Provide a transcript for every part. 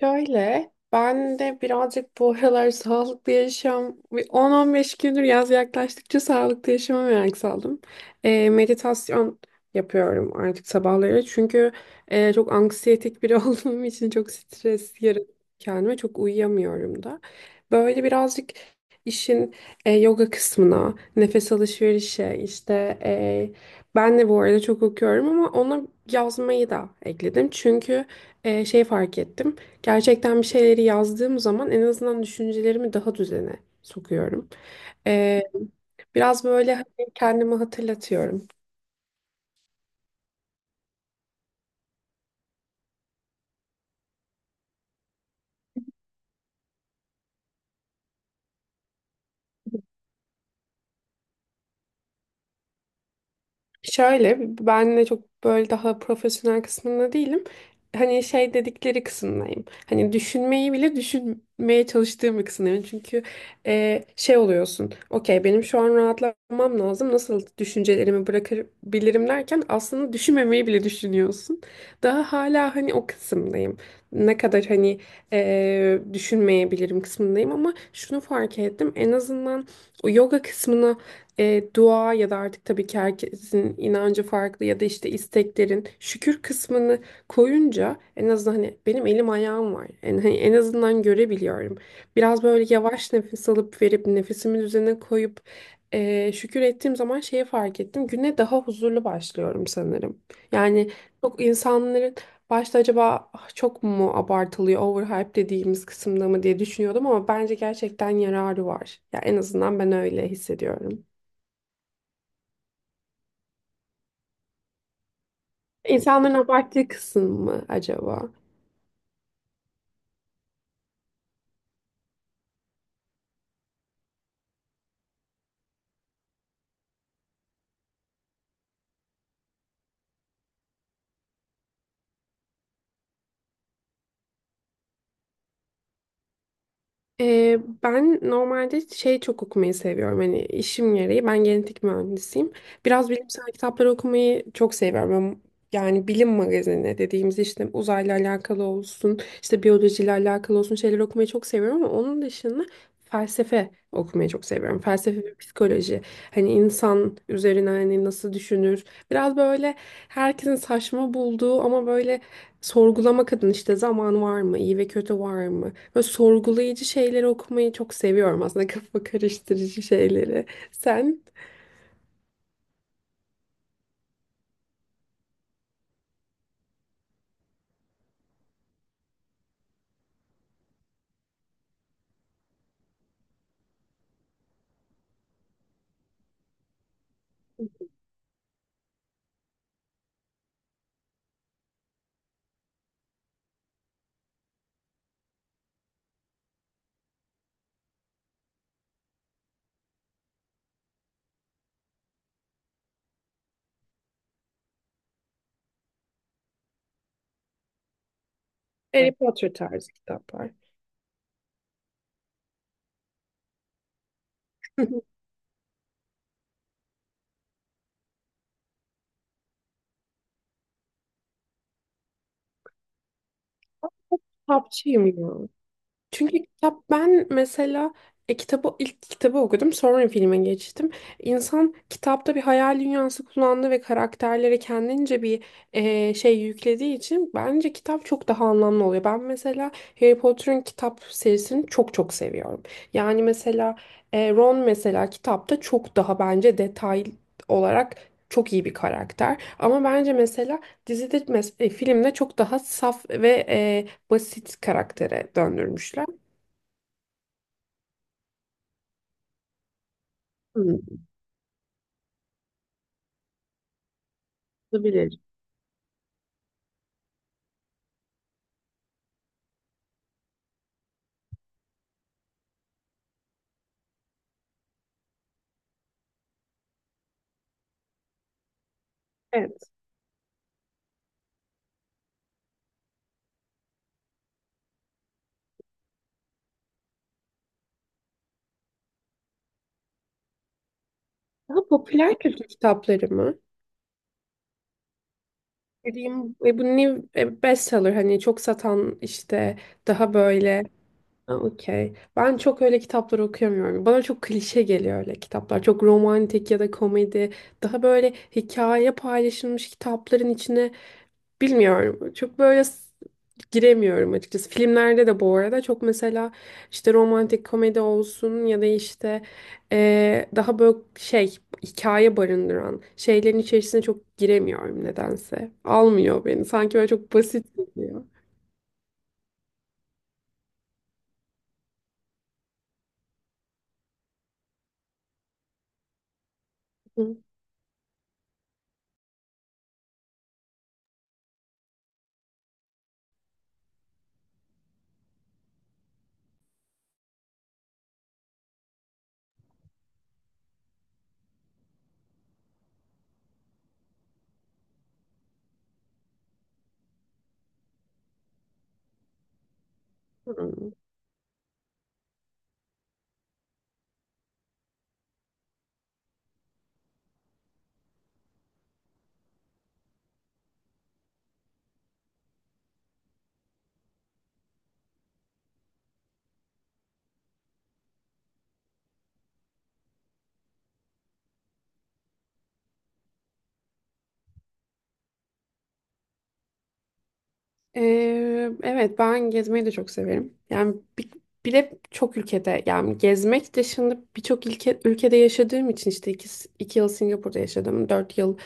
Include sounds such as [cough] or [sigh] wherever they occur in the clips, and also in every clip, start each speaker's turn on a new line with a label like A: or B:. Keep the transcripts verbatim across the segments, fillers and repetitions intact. A: Şöyle, ben de birazcık bu aralar sağlıklı yaşam, bir on on beş gündür yaz yaklaştıkça sağlıklı yaşama merak saldım. Ee, meditasyon yapıyorum artık sabahları. Çünkü e, çok anksiyetik biri [laughs] olduğum için çok stres yaratıyorum kendime, çok uyuyamıyorum da. Böyle birazcık işin e, yoga kısmına, nefes alışverişe, işte e, ben de bu arada çok okuyorum ama ona yazmayı da ekledim. Çünkü e, şey fark ettim. Gerçekten bir şeyleri yazdığım zaman en azından düşüncelerimi daha düzene sokuyorum. Ee, biraz böyle hani kendime hatırlatıyorum. Şöyle ben de çok böyle daha profesyonel kısmında değilim. Hani şey dedikleri kısımdayım. Hani düşünmeyi bile düşünmeye çalıştığım bir kısımdayım. Çünkü e, şey oluyorsun. Okey, benim şu an rahatlamam lazım. Nasıl düşüncelerimi bırakabilirim derken aslında düşünmemeyi bile düşünüyorsun. Daha hala hani o kısımdayım. Ne kadar hani e, düşünmeyebilirim kısmındayım ama şunu fark ettim. En azından o yoga kısmına e, dua ya da artık tabii ki herkesin inancı farklı ya da işte isteklerin şükür kısmını koyunca en azından hani benim elim ayağım var. En, hani en azından görebiliyorum. Biraz böyle yavaş nefes alıp verip nefesimin üzerine koyup e, şükür ettiğim zaman şeye fark ettim. Güne daha huzurlu başlıyorum sanırım. Yani çok insanların başta acaba, "Ah, çok mu abartılıyor, overhype dediğimiz kısımda mı" diye düşünüyordum ama bence gerçekten yararı var. Ya en azından ben öyle hissediyorum. İnsanların abarttığı kısım mı acaba? Ee, ben normalde şey çok okumayı seviyorum. Hani işim gereği ben genetik mühendisiyim. Biraz bilimsel kitapları okumayı çok seviyorum. Ben- Yani bilim magazini dediğimiz işte uzayla alakalı olsun, işte biyolojiyle alakalı olsun şeyler okumayı çok seviyorum ama onun dışında felsefe okumayı çok seviyorum. Felsefe ve psikoloji. Hani insan üzerine hani nasıl düşünür? Biraz böyle herkesin saçma bulduğu ama böyle sorgulamak adına işte zaman var mı, iyi ve kötü var mı? Böyle sorgulayıcı şeyleri okumayı çok seviyorum aslında [laughs] kafa karıştırıcı şeyleri. Sen? Harry Potter tarzı kitaplar. [laughs] Kitapçıyım ya. Çünkü kitap ben mesela e, kitabı ilk kitabı okudum sonra filme geçtim. İnsan kitapta bir hayal dünyası kullandığı ve karakterlere kendince bir e, şey yüklediği için bence kitap çok daha anlamlı oluyor. Ben mesela Harry Potter'ın kitap serisini çok çok seviyorum. Yani mesela e, Ron mesela kitapta çok daha bence detay olarak çok iyi bir karakter. Ama bence mesela dizide mes- e, filmde çok daha saf ve e, basit karaktere döndürmüşler. Hı, olabilir. Evet. Daha popüler kültür kitapları mı? Dediğim ve bu new e, bestseller, hani çok satan, işte daha böyle. Ha, okey. Ben çok öyle kitaplar okuyamıyorum. Bana çok klişe geliyor öyle kitaplar. Çok romantik ya da komedi. Daha böyle hikaye paylaşılmış kitapların içine, bilmiyorum. Çok böyle s- giremiyorum açıkçası. Filmlerde de bu arada çok mesela işte romantik komedi olsun ya da işte eee, daha böyle şey hikaye barındıran şeylerin içerisine çok giremiyorum nedense. Almıyor beni. Sanki böyle çok basit geliyor. Hı. Hı. Ee, evet ben gezmeyi de çok severim. Yani bi- bir, de çok ülkede, yani gezmek dışında birçok ülke, ülkede yaşadığım için, işte iki, iki yıl Singapur'da yaşadım. Dört yıl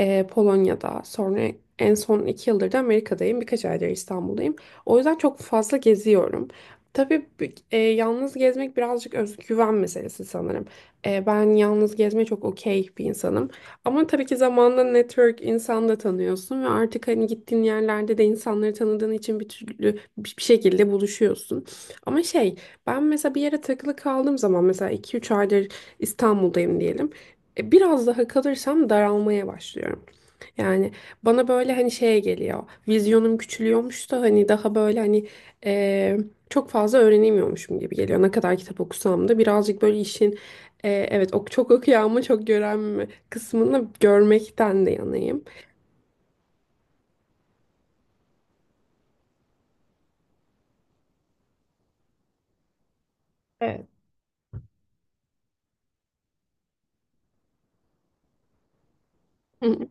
A: e, Polonya'da, sonra en son iki yıldır da Amerika'dayım. Birkaç aydır İstanbul'dayım. O yüzden çok fazla geziyorum. Tabii bi- e, yalnız gezmek birazcık özgüven meselesi sanırım. E, ben yalnız gezmeye çok okey bir insanım. Ama tabii ki zamanla network, insan da tanıyorsun ve artık hani gittiğin yerlerde de insanları tanıdığın için bir türlü bir bir şekilde buluşuyorsun. Ama şey, ben mesela bir yere takılı kaldığım zaman, mesela iki üç aydır İstanbul'dayım diyelim. E, Biraz daha kalırsam daralmaya başlıyorum. Yani bana böyle hani şeye geliyor. Vizyonum küçülüyormuş da hani, daha böyle hani eee, çok fazla öğrenemiyormuşum gibi geliyor. Ne kadar kitap okusam da birazcık böyle işin eee, evet ok, çok okuyan mı çok gören mi kısmını görmekten de yanayım. Evet. Hı hı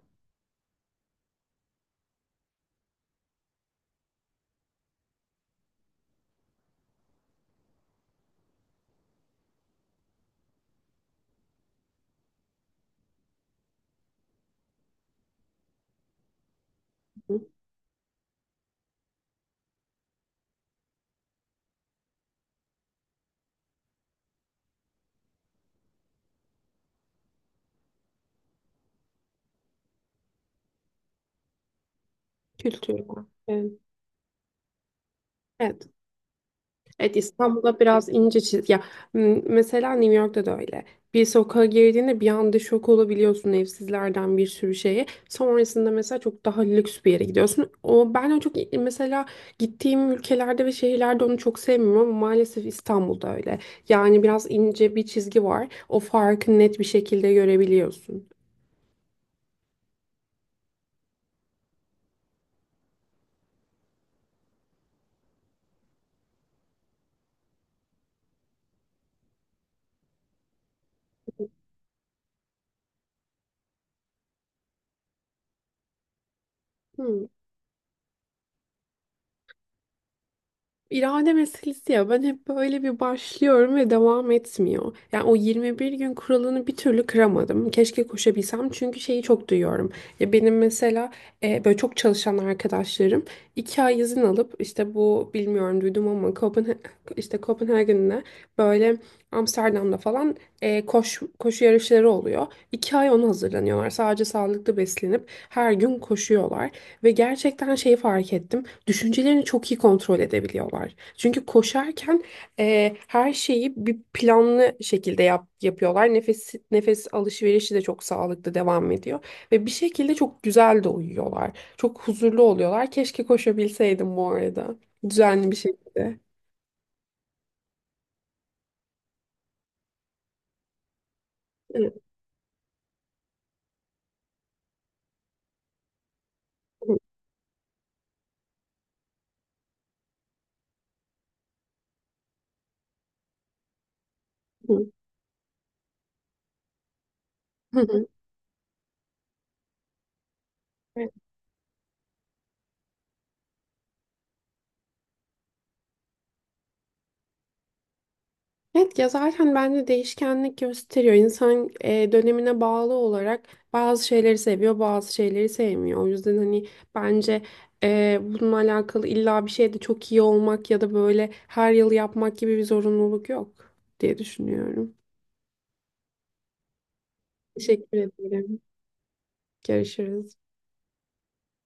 A: hı. Kültür var. Evet. Evet. Evet, İstanbul'da biraz ince çiz ya, m- mesela New York'ta da öyle. Bir sokağa girdiğinde bir anda şok olabiliyorsun, evsizlerden bir sürü şeye. Sonrasında mesela çok daha lüks bir yere gidiyorsun. O, ben o çok, mesela gittiğim ülkelerde ve şehirlerde, onu çok sevmiyorum ama maalesef İstanbul'da öyle. Yani biraz ince bir çizgi var. O farkı net bir şekilde görebiliyorsun. Hmm. İrade meselesi ya, ben hep böyle bir başlıyorum ve devam etmiyor. Yani o yirmi bir gün kuralını bir türlü kıramadım. Keşke koşabilsem çünkü şeyi çok duyuyorum. Ya benim mesela e, böyle çok çalışan arkadaşlarım iki ay izin alıp, işte bu, bilmiyorum, duydum ama Kopenha işte Kopenhagen'de, böyle Amsterdam'da falan e, koş, koşu yarışları oluyor. İki ay ona hazırlanıyorlar. Sadece sağlıklı beslenip her gün koşuyorlar. Ve gerçekten şeyi fark ettim, düşüncelerini çok iyi kontrol edebiliyorlar. Çünkü koşarken e, her şeyi bir planlı şekilde yap, yapıyorlar. Nefes nefes alışverişi de çok sağlıklı devam ediyor ve bir şekilde çok güzel de uyuyorlar. Çok huzurlu oluyorlar. Keşke koşabilseydim bu arada. Düzenli bir şekilde. Evet. [laughs] Evet ya, zaten bence değişkenlik gösteriyor. İnsan e, dönemine bağlı olarak bazı şeyleri seviyor, bazı şeyleri sevmiyor. O yüzden hani bence e, bununla alakalı illa bir şeyde çok iyi olmak ya da böyle her yıl yapmak gibi bir zorunluluk yok diye düşünüyorum. Teşekkür ederim. Görüşürüz.